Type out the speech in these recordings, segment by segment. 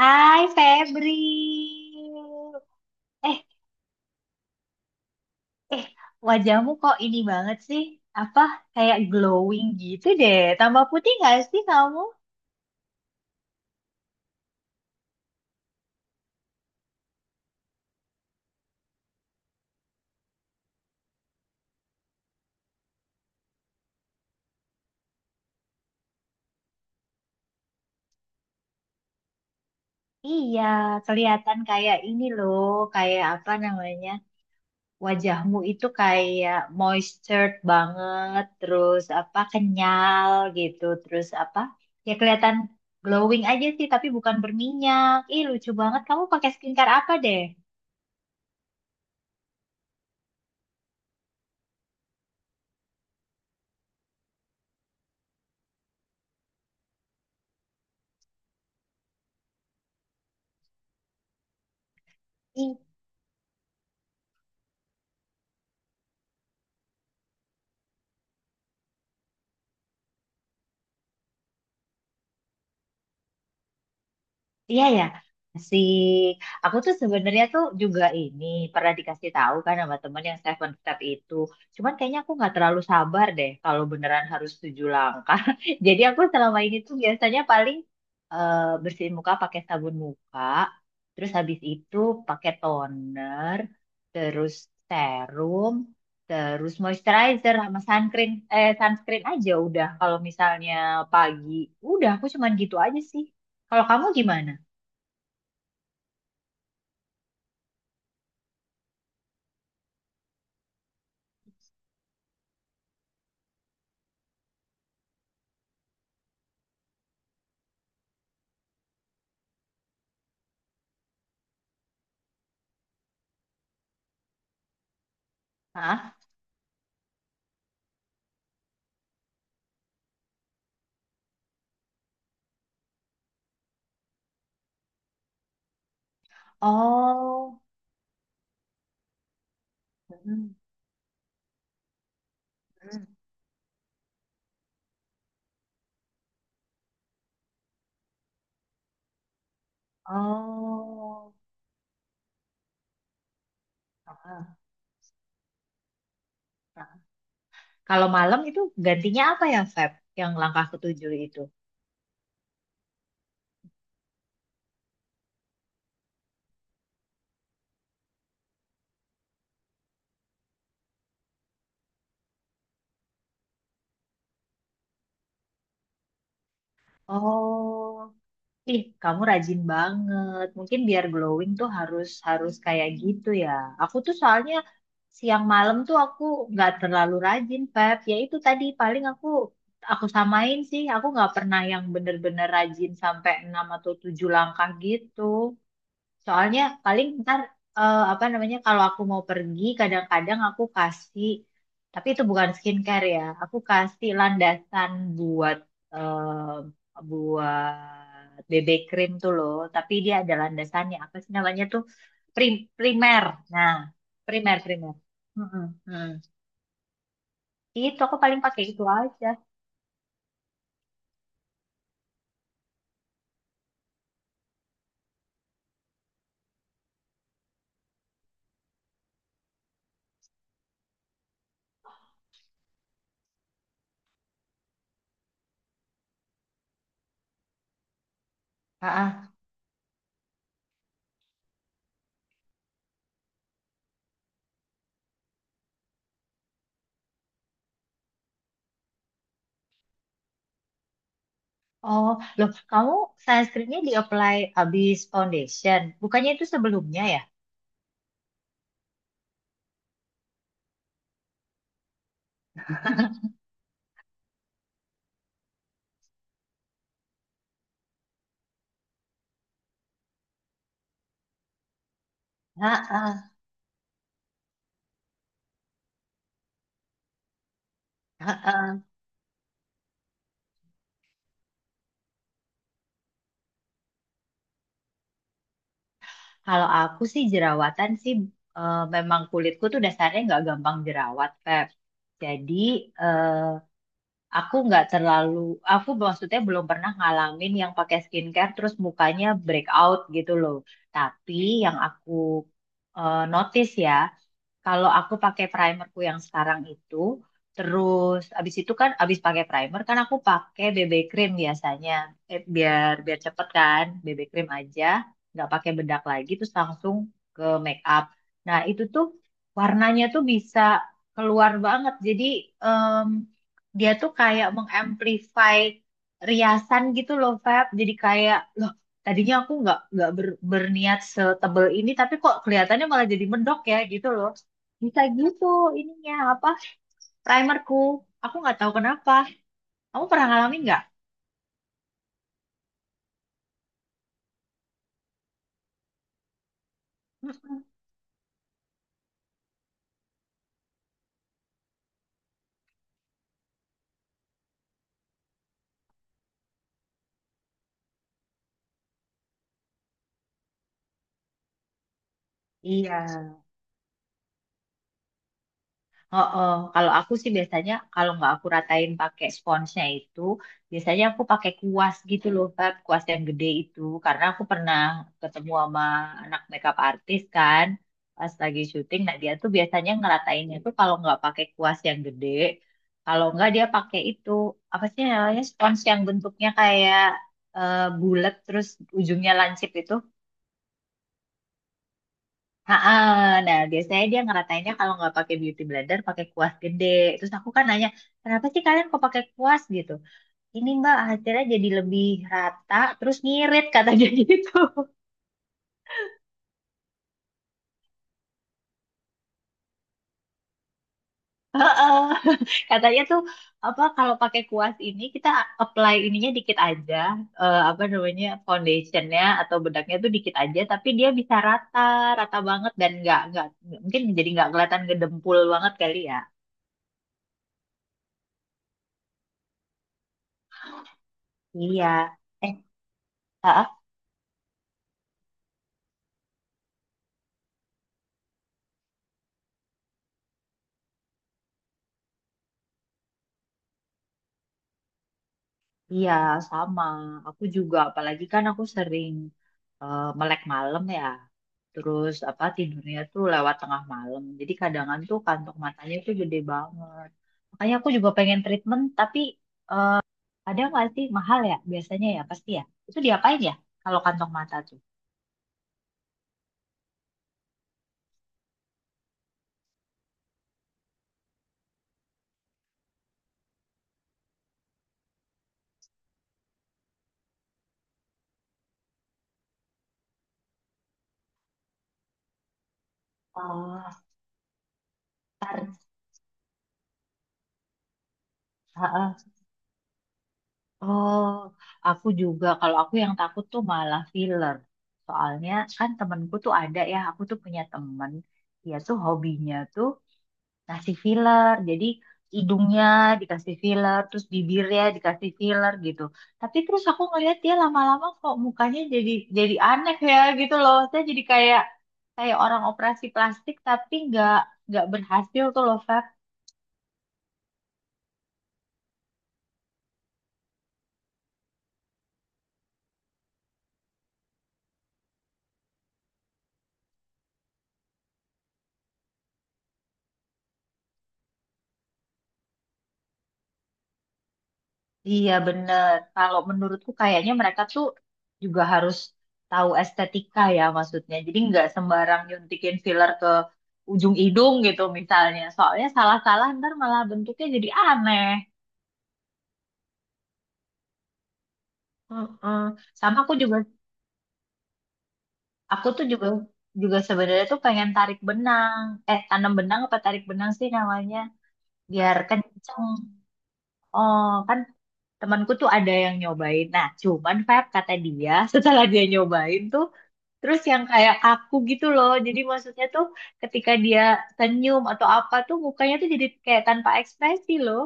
Hai Febri. Eh, Wajahmu kok ini banget sih? Apa kayak glowing gitu deh. Tambah putih gak sih kamu? Iya, kelihatan kayak ini loh, kayak apa namanya? Wajahmu itu kayak moistured banget, terus apa kenyal gitu, terus apa? Ya kelihatan glowing aja sih, tapi bukan berminyak. Ih, lucu banget. Kamu pakai skincare apa deh? Iya ya, masih. Aku tuh sebenarnya tuh juga ini pernah dikasih tahu kan sama temen yang Seven Step itu. Cuman kayaknya aku nggak terlalu sabar deh kalau beneran harus tujuh langkah. Jadi aku selama ini tuh biasanya paling eh, bersihin muka pakai sabun muka, terus habis itu pakai toner, terus serum, terus moisturizer sama sunscreen, eh sunscreen aja udah. Kalau misalnya pagi, udah aku cuman gitu aja sih. Kalau kamu gimana? 啊，哦，嗯，嗯，哦, ah, ah. Kalau malam itu gantinya apa ya, Feb? Yang langkah ketujuh itu? Oh, ih, kamu rajin banget. Mungkin biar glowing tuh harus harus kayak gitu ya. Aku tuh soalnya siang malam tuh aku nggak terlalu rajin, Feb. Ya itu tadi paling aku samain sih. Aku nggak pernah yang bener-bener rajin sampai 6 atau 7 langkah gitu. Soalnya paling ntar apa namanya kalau aku mau pergi kadang-kadang aku kasih tapi itu bukan skincare ya. Aku kasih landasan buat buat BB cream tuh loh, tapi dia ada landasannya. Apa sih namanya tuh? Primer. Nah, primer primer. Mm-mm, mm. Itu aku paling pakai itu aja. Ah, ah. Oh, loh, kamu sunscreennya di apply habis foundation. Bukannya itu sebelumnya ya? Heeh, heeh. Kalau aku sih jerawatan sih memang kulitku tuh dasarnya nggak gampang jerawat, Pep. Jadi eh, aku nggak terlalu, aku maksudnya belum pernah ngalamin yang pakai skincare terus mukanya breakout gitu loh. Tapi yang aku notice ya, kalau aku pakai primerku yang sekarang itu, terus abis itu kan abis pakai primer kan aku pakai BB cream biasanya, biar biar cepet kan, BB cream aja, nggak pakai bedak lagi, terus langsung ke make up. Nah itu tuh warnanya tuh bisa keluar banget, jadi em, dia tuh kayak mengamplify riasan gitu loh, Feb. Jadi kayak loh tadinya aku nggak berniat setebel ini tapi kok kelihatannya malah jadi mendok ya gitu loh bisa gitu ininya apa primerku. Aku nggak tahu kenapa. Kamu pernah ngalamin nggak? Mm-mm. Iya, heeh, kalau aku sih biasanya kalau nggak aku ratain pakai sponsnya itu, biasanya aku pakai kuas gitu loh, Feb, kuas yang gede itu. Karena aku pernah ketemu sama anak makeup artis kan, pas lagi syuting. Nah dia tuh biasanya ngeratainnya tuh kalau nggak pakai kuas yang gede, kalau nggak dia pakai itu apa sih namanya spons yang bentuknya kayak bulat terus ujungnya lancip itu. Ah, ah. Nah biasanya dia ngeratainnya kalau nggak pakai beauty blender pakai kuas gede. Terus aku kan nanya, kenapa sih kalian kok pakai kuas gitu? Ini Mbak hasilnya jadi lebih rata, terus ngirit katanya gitu. Heeh. Katanya tuh apa kalau pakai kuas ini kita apply ininya dikit aja, apa namanya foundationnya atau bedaknya tuh dikit aja, tapi dia bisa rata, rata banget dan nggak mungkin jadi nggak kelihatan gedempul banget kali ya. Iya. Eh, heeh. Iya, sama. Aku juga, apalagi kan aku sering melek malam ya. Terus apa tidurnya tuh lewat tengah malam. Jadi kadang tuh kantong matanya tuh gede banget. Makanya aku juga pengen treatment, tapi ada nggak sih mahal ya? Biasanya ya, pasti ya. Itu diapain ya kalau kantong mata tuh? Oh, ntar. Heeh. Oh, aku juga. Kalau aku yang takut tuh malah filler. Soalnya kan temenku tuh ada ya. Aku tuh punya temen. Dia tuh hobinya tuh kasih filler. Jadi hidungnya dikasih filler, terus bibirnya dikasih filler gitu. Tapi terus aku ngeliat dia lama-lama kok mukanya jadi aneh ya gitu loh. Saya jadi kayak kayak orang operasi plastik tapi nggak berhasil tuh loh, Feb. Iya bener. Kalau menurutku kayaknya mereka tuh juga harus tahu estetika ya maksudnya. Jadi nggak sembarang nyuntikin filler ke ujung hidung gitu misalnya. Soalnya salah-salah ntar malah bentuknya jadi aneh. Heeh. Sama aku juga, aku tuh juga juga sebenarnya tuh pengen tarik benang. Eh, tanam benang apa tarik benang sih namanya? Biar kenceng. Oh, kan temanku tuh ada yang nyobain. Nah, cuman Feb kata dia setelah dia nyobain tuh, terus yang kayak kaku gitu loh. Jadi maksudnya tuh ketika dia senyum atau apa tuh mukanya tuh jadi kayak tanpa ekspresi loh.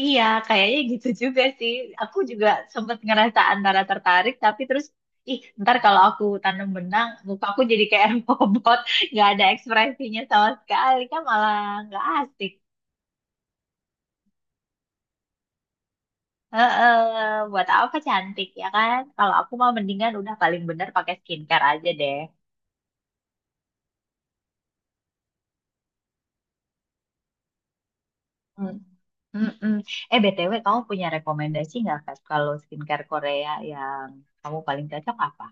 Iya, kayaknya gitu juga sih. Aku juga sempet ngerasa antara tertarik, tapi terus, ih, ntar kalau aku tanam benang, muka aku jadi kayak robot, nggak ada ekspresinya sama sekali, kan malah nggak asik. Heeh, buat apa cantik ya kan? Kalau aku mah mendingan udah paling bener pakai skincare aja deh. Hmm. Mm-mm. Eh, BTW, kamu punya rekomendasi nggak, Kat, kalau skincare Korea yang kamu paling cocok apa?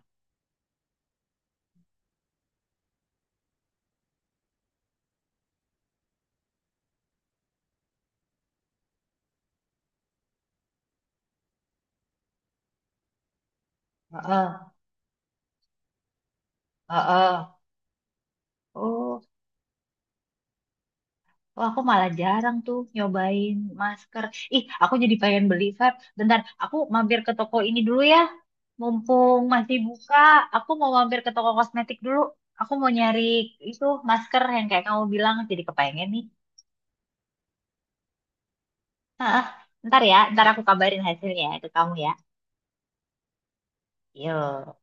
Heeh, heeh. Oh. Oh, aku malah jarang tuh nyobain masker. Ih, aku jadi pengen beli, Feb. Bentar, aku mampir ke toko ini dulu ya. Mumpung masih buka, aku mau mampir ke toko kosmetik dulu. Aku mau nyari itu masker yang kayak kamu bilang, jadi kepengen nih. Ah, ntar ya, ntar aku kabarin hasilnya ke kamu ya. Yuk.